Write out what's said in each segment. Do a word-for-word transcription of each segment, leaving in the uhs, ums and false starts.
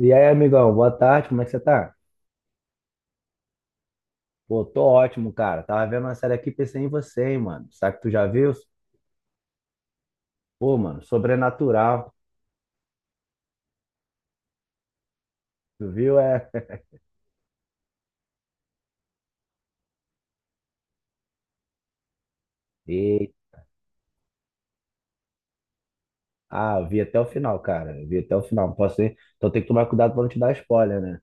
E aí, amigão, boa tarde, como é que você tá? Pô, tô ótimo, cara. Tava vendo uma série aqui e pensei em você, hein, mano. Sabe que tu já viu? Pô, mano, Sobrenatural. Tu viu? É. E... Ah, eu vi até o final, cara. Eu Vi até o final. Não posso ir. Então tem que tomar cuidado pra não te dar spoiler, né?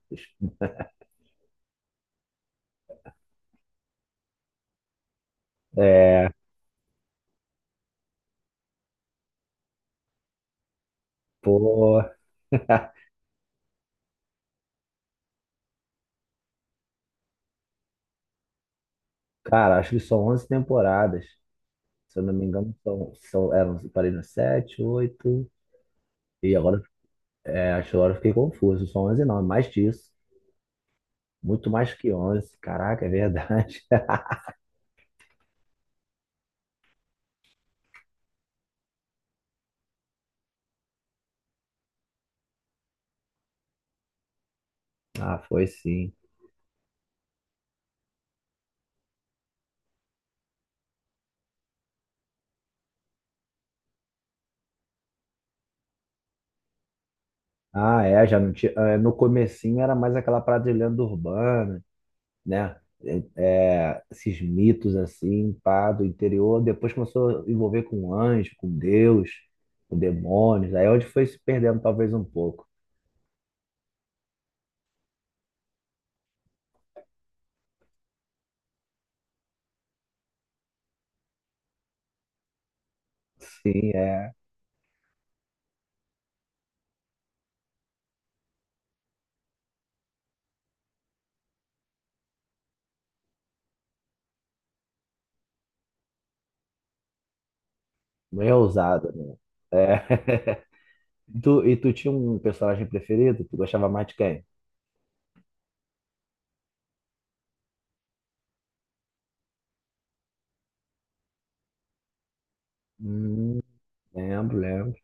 É, pô. Cara, acho que são onze temporadas. Se eu não me engano, são, são, eram, parei no sete, oito. E agora, é, acho que agora eu fiquei confuso. São onze não, é mais disso. Muito mais que onze. Caraca, é verdade. Ah, foi sim. Ah, é, já não tinha. é, No comecinho era mais aquela parada de lenda urbana, né? É, é, esses mitos assim, pá, do interior. Depois começou a envolver com anjo, com Deus, com demônios. Aí é onde foi se perdendo talvez um pouco. Sim, é. Meio ousado, né? É. E Tu, e tu tinha um personagem preferido? Tu gostava mais de quem? Hum, lembro, lembro.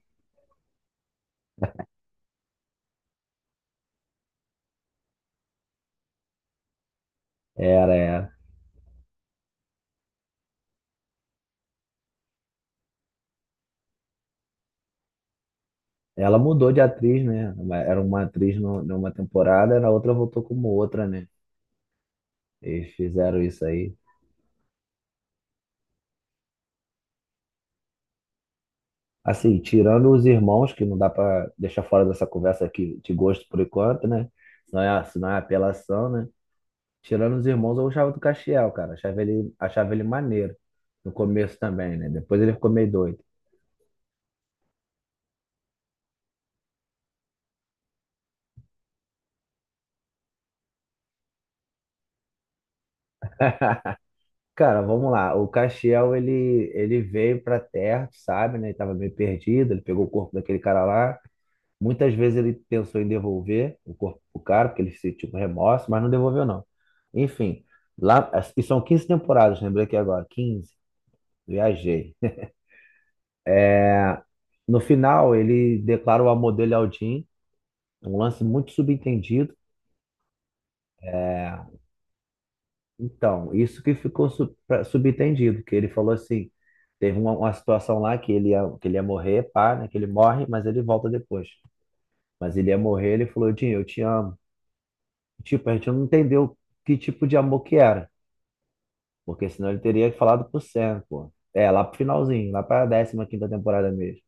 Era, era. Ela mudou de atriz, né? Era uma atriz no- numa temporada, na outra voltou como outra, né? Eles fizeram isso aí. Assim, tirando os irmãos, que não dá pra deixar fora dessa conversa aqui de gosto por enquanto, né? Senão é, senão é apelação, né? Tirando os irmãos, eu gostava do Castiel, cara. Achava ele, achava ele maneiro. No começo também, né? Depois ele ficou meio doido. Cara, vamos lá. O Castiel, ele, ele veio pra Terra, tu sabe, né? Ele tava meio perdido, ele pegou o corpo daquele cara lá. Muitas vezes ele pensou em devolver o corpo pro cara, porque ele sentiu remorso, mas não devolveu, não. Enfim, lá, e são quinze temporadas, lembrei aqui agora, quinze. Viajei. No final, ele declara o amor dele ao Jim, um lance muito subentendido. É, então, isso que ficou su- pra- subentendido, que ele falou assim, teve uma, uma situação lá que ele, ia, que ele ia morrer, pá, né, que ele morre, mas ele volta depois. Mas ele ia morrer, ele falou, Jim, eu te amo. Tipo, a gente não entendeu que tipo de amor que era. Porque senão ele teria falado pro Sam, pô. É, lá pro finalzinho, lá pra décima quinta temporada mesmo.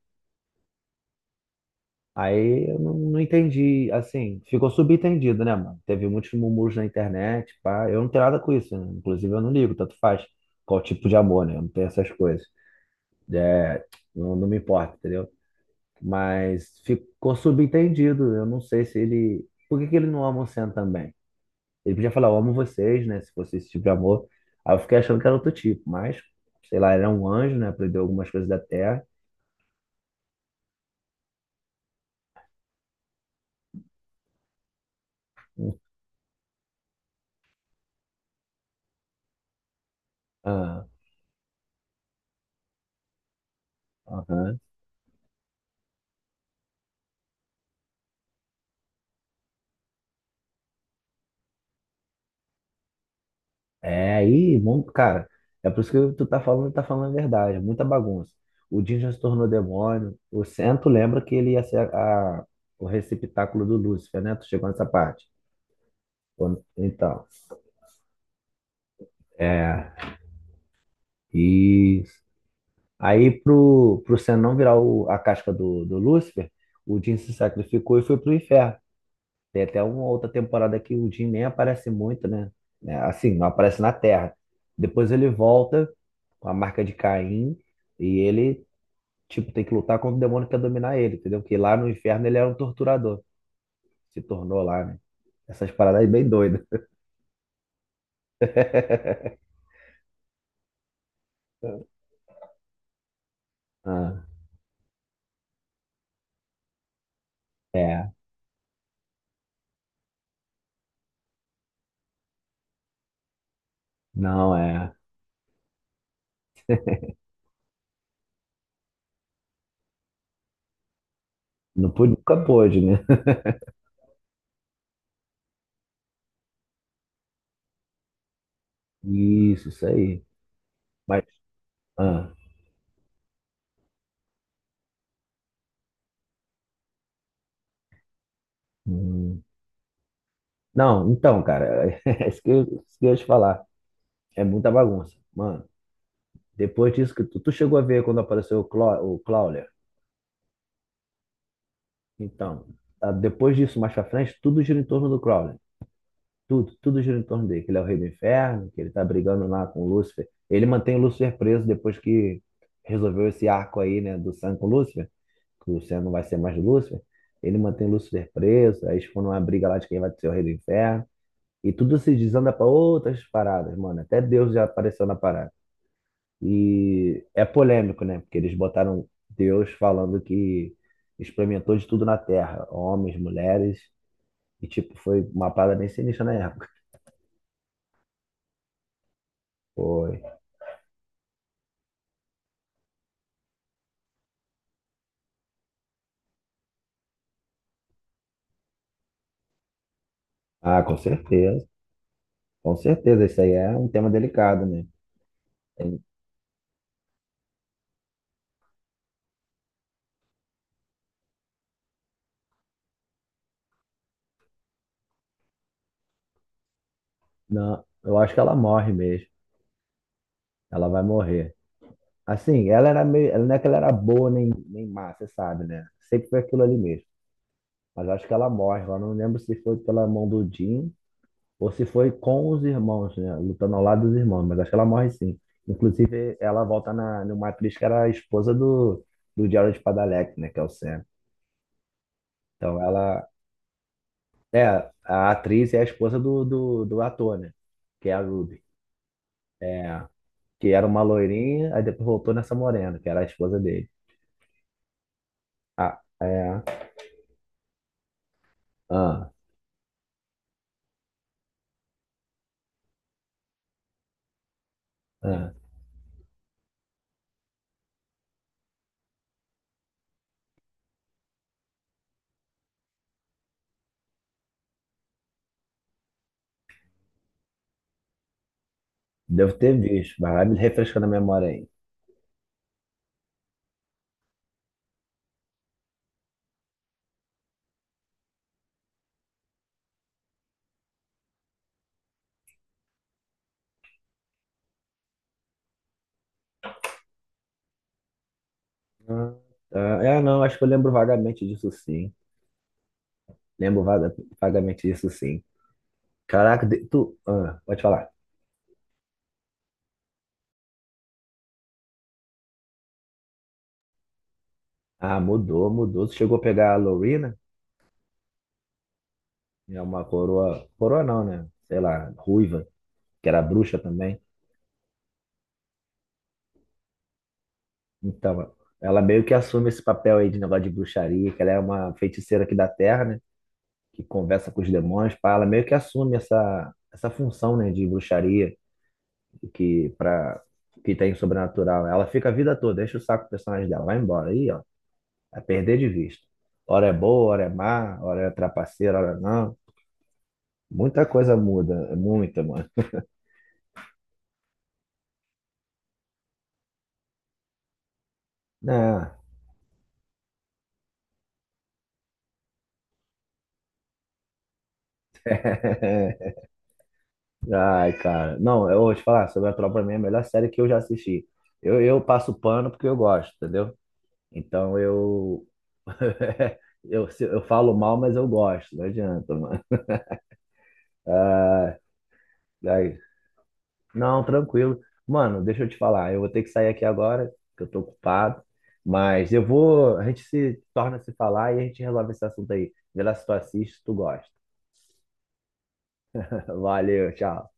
Aí eu não, não entendi, assim, ficou subentendido, né, mano? Teve muitos murmúrios na internet, pá. Eu não tenho nada com isso, né? Inclusive eu não ligo, tanto faz. Qual tipo de amor, né? Eu não tenho essas coisas. É, não, não me importa, entendeu? Mas ficou subentendido. Eu não sei se ele. Por que que ele não ama o Sam também? Ele podia falar, eu amo vocês, né? Se fosse esse tipo de amor. Aí eu fiquei achando que era outro tipo, mas, sei lá, ele é um anjo, né? Aprendeu algumas coisas da Terra. Ah, aham. É, aí, bom, cara, é por isso que tu tá falando, tá falando a verdade, é muita bagunça. O Jin já se tornou demônio. O Cento lembra que ele ia ser a, a- o receptáculo do Lúcifer, né? Tu chegou nessa parte. Quando- Então, é, isso. Aí, pro, pro Sen não virar o- a casca do, do Lúcifer, o Jin se sacrificou e foi pro inferno. Tem até uma outra temporada que o Jim nem aparece muito, né? É, assim, não aparece na Terra. Depois ele volta com a marca de Caim e ele, tipo, tem que lutar contra o demônio que quer dominar ele, entendeu? Porque lá no inferno ele era um torturador. Se tornou lá, né? Essas paradas aí bem doidas. Ah, é. Não, é. Não pude, nunca pôde, né? Isso, isso aí. Mas, ah, hum. Não, então, cara, é isso que eu, isso que eu ia te falar. É muita bagunça. Mano. Depois disso que tu, tu chegou a ver quando apareceu o, Cla- o Crawler. Então, ah, depois disso, mais pra frente, tudo gira em torno do Crawler. Tudo, tudo gira em torno dele. Que ele é o rei do inferno, que ele tá brigando lá com o Lúcifer. Ele mantém o Lúcifer preso depois que resolveu esse arco aí, né, do Sam com o Lúcifer. Que o Sam não vai ser mais o Lúcifer. Ele mantém o Lúcifer preso. Aí eles foram numa briga lá de quem vai ser o rei do inferno. E tudo se desanda pra outras paradas, mano. Até Deus já apareceu na parada. E é polêmico, né? Porque eles botaram Deus falando que experimentou de tudo na Terra, homens, mulheres, e tipo, foi uma parada bem sinistra na época. Foi. Ah, com certeza. Com certeza, isso aí é um tema delicado, né? Tem- Não, eu acho que ela morre mesmo. Ela vai morrer. Assim, ela era meio, ela não é que ela era boa nem, nem má, você sabe, né? Sempre foi aquilo ali mesmo. Mas eu acho que ela morre. Eu não lembro se foi pela mão do Jim Ou se foi com os irmãos, né? Lutando ao lado dos irmãos, mas acho que ela morre sim. Inclusive, ela volta na, numa atriz que era a esposa do, do Jared Padalecki, né? Que é o Sam. Então ela é a atriz é a esposa do, do, do ator, né? Que é a Ruby. É, que era uma loirinha, aí depois voltou nessa morena, que era a esposa dele. Ah, é. Ah, ah. Devo ter visto, mas vai me refrescando a memória aí. Ah, ah, é, não, acho que eu lembro vagamente disso sim. Lembro vaga- vagamente disso sim. Caraca, de- tu. ah, pode falar. Ah, mudou, mudou. Tu chegou a pegar a Lorena, é uma coroa. Coroa não, né? Sei lá, ruiva, que era bruxa também. Então, ela meio que assume esse papel aí de negócio de bruxaria, que ela é uma feiticeira aqui da Terra, né? Que conversa com os demônios, pá. Ela meio que assume essa, essa função, né? De bruxaria, que, pra, que tem sobrenatural. Ela fica a vida toda, deixa o saco do personagem dela, vai embora. Aí, ó, é perder de vista. Hora é boa, hora é má, hora é trapaceira, hora não. Muita coisa muda, é muita, mano. É. Ai, cara. Não, eu vou te falar, Sobrenatural pra mim é a melhor série que eu já assisti. Eu, eu passo pano porque eu gosto, entendeu? Então eu, eu, se- eu falo mal, mas eu gosto, não adianta, mano. Ai, não, tranquilo. Mano, deixa eu te falar, eu vou ter que sair aqui agora, que eu tô ocupado, mas eu vou, a gente se torna a se falar e a gente resolve esse assunto aí. Vê lá se tu assiste, se tu gosta. Valeu, tchau.